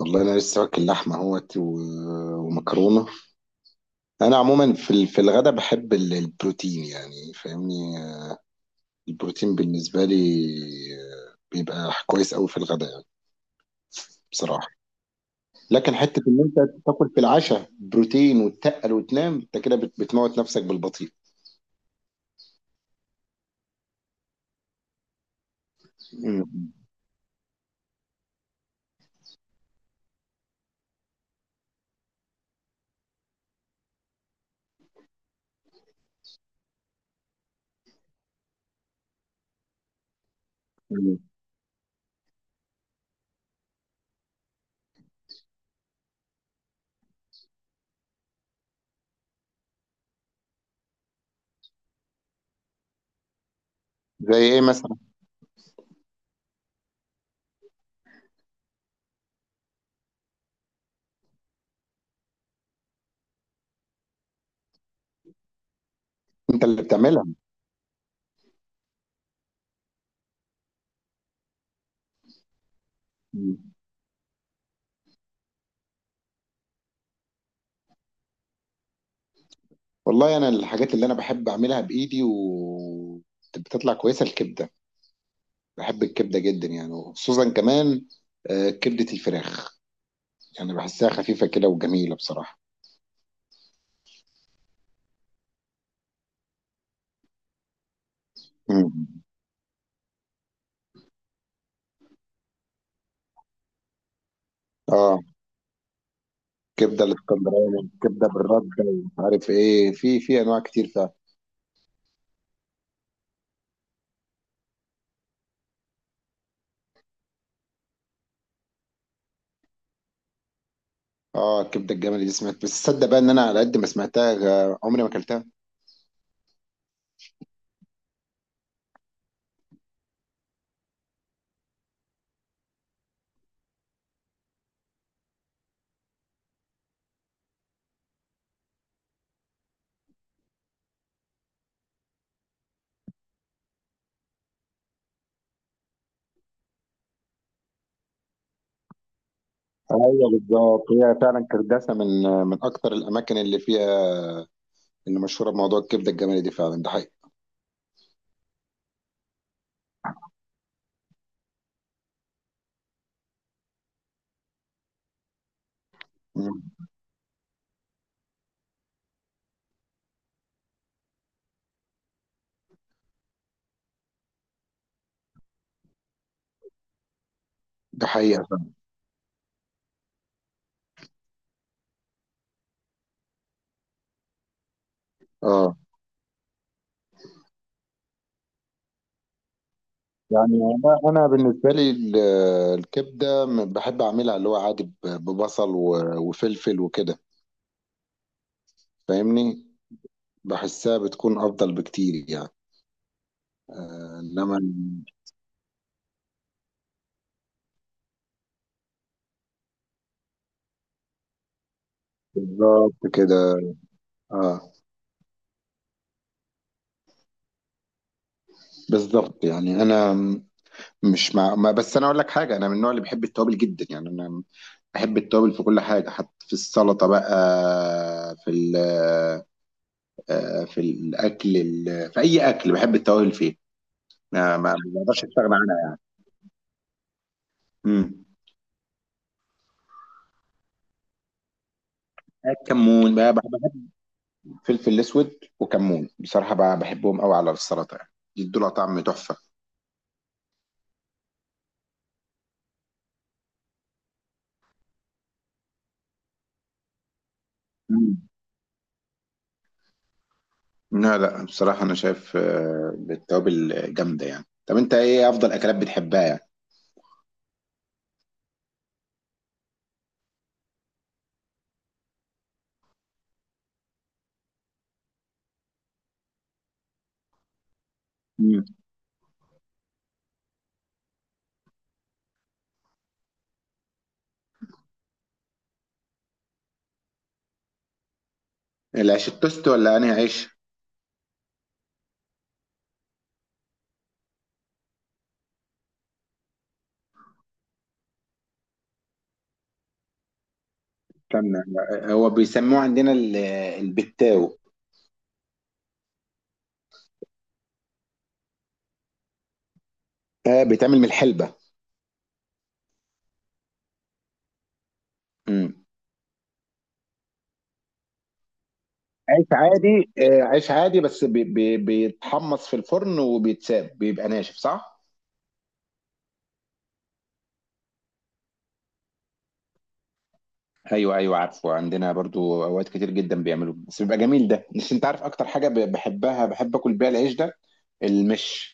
والله انا لسه واكل لحمه اهوت ومكرونه. انا عموما في في الغدا بحب البروتين، يعني فاهمني. البروتين بالنسبه لي بيبقى كويس قوي في الغدا يعني. بصراحه. لكن حته ان انت تاكل في العشاء بروتين وتتقل وتنام، انت كده بتموت نفسك بالبطيء. مم. مم. زي ايه مثلا؟ انت اللي بتعملها؟ مم. والله انا الحاجات اللي انا بحب اعملها بايدي و بتطلع كويسه الكبده. بحب الكبده جدا يعني، وخصوصا كمان كبده الفراخ. يعني بحسها خفيفه كده وجميله بصراحه. مم. اه، كبده الاسكندراني كبده بالرده ومش عارف ايه، في انواع كتير فيها. اه الكبده الجملي دي سمعت، بس تصدق بقى ان انا على قد ما سمعتها، عمري ما اكلتها. ايوه بالظبط، هي فعلا كرداسه من من اكتر الاماكن اللي فيها، اللي مشهوره بموضوع الكبده الجملي دي، فعلا ده حقيقي. مم. ده حقيقه. اه. يعني أنا بالنسبه لي الكبده بحب اعملها اللي هو عادي ببصل وفلفل وكده، فاهمني. بحسها بتكون افضل بكتير يعني. انما بالظبط كده. اه بالظبط، يعني انا مش مع ما، بس انا اقول لك حاجه، انا من النوع اللي بحب التوابل جدا يعني. انا بحب التوابل في كل حاجه، حتى في السلطه بقى، في في الاكل، في اي اكل بحب التوابل فيه. ما بقدرش استغنى عنها يعني. مم. كمون بقى، بحب فلفل الاسود وكمون، بصراحه بقى بحبهم قوي على السلطه يعني، يدوا لها طعم تحفه. مم. لا لا، بصراحه انا شايف بالتوابل جامده يعني. طب انت ايه افضل اكلات بتحبها يعني؟ مم. العيش التوست ولا انهي عيش؟ استنى، لا، هو بيسموه عندنا البتاو. بيتعمل من الحلبه. مم. عيش عادي، عيش عادي، بس بيتحمص في الفرن وبيتساب بيبقى ناشف صح؟ ايوه ايوه عارفه، عندنا برضو اوقات كتير جدا بيعملوه، بس بيبقى جميل ده، بس انت عارف اكتر حاجه بحبها بحب اكل بيها العيش ده، المش.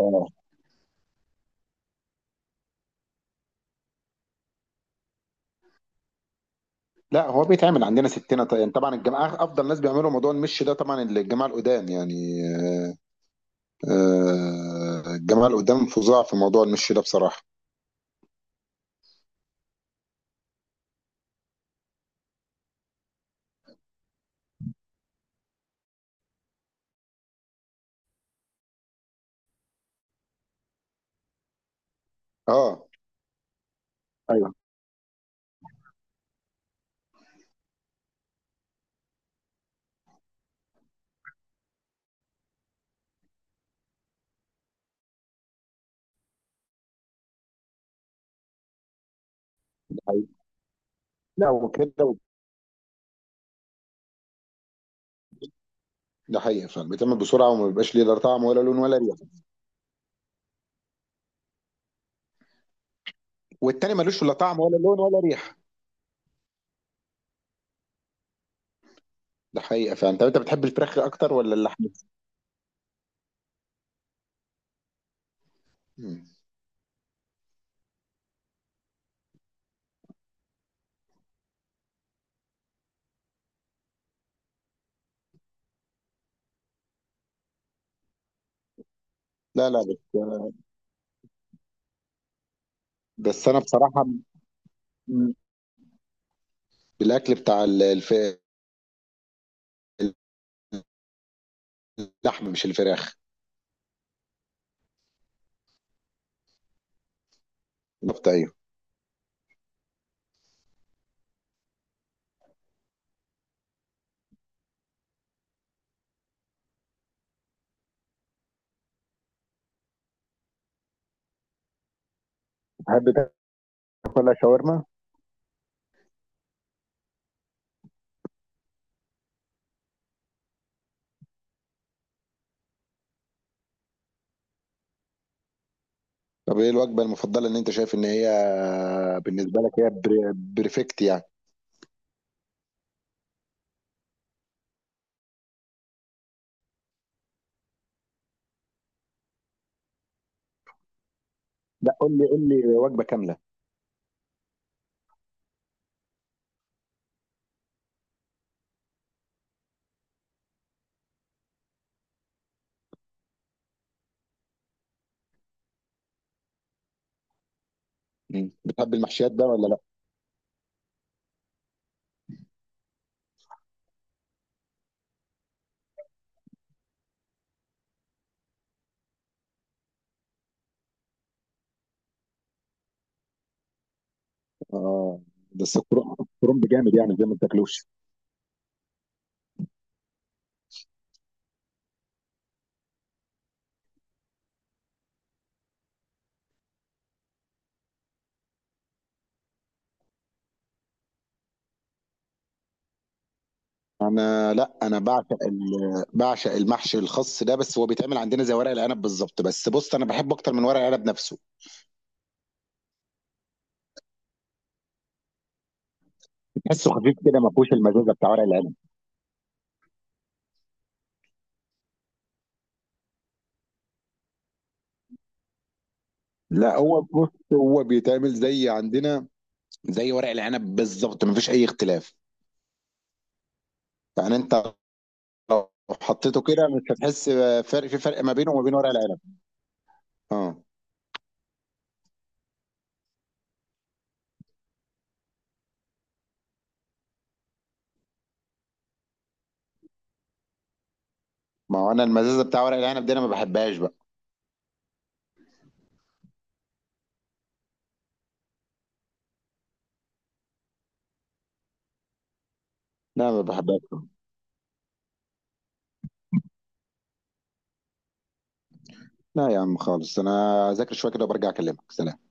اه لا، هو بيتعمل عندنا ستنا، طيب طبعا الجماعه افضل ناس بيعملوا موضوع المش ده، طبعا الجماعه القدام يعني. آه، الجماعه القدام فظاع في موضوع المش ده بصراحه. اه ايوه ده حقيقي. لا وكده. ده حقيقي فعلا، بيتعمل بسرعه، وما بيبقاش ليه لا طعم ولا لون ولا ريحه. والتاني ملوش لا طعم ولا لون ولا ريحه. ده حقيقه فعلا. طب انت بتحب الفراخ اكتر ولا اللحمه؟ لا لا، بس انا بصراحه، م- بالاكل بتاع اللحم مش الفراخ، الكفته ايوه. بتحب تاكلها شاورما؟ طب ايه الوجبه المفضله ان انت شايف ان هي بالنسبه لك هي بريفكت يعني؟ لا، قول لي قول لي وجبه كامله. م. بتحب المحشيات بقى ولا لا؟ اه، بس الكرنب جامد يعني، زي ما بتاكلوش. انا لا، انا بعشق المحشي الخاص ده، بس هو بيتعمل عندنا زي ورق العنب بالظبط، بس بص انا بحبه اكتر من ورق العنب نفسه. تحسه خفيف كده، ما فيهوش المزازه بتاع ورق العنب. لا، هو بص هو بيتعمل زي عندنا زي ورق العنب بالظبط، مفيش اي اختلاف. يعني انت لو حطيته كده مش هتحس فرق، فرق ما بينه وما بين ورق العنب. اه. ما هو انا المزازه بتاع ورق العنب دي انا ما بحبهاش بقى. لا، ما بحبهاش. لا يا عم خالص، انا اذاكر شويه كده وبرجع اكلمك، سلام.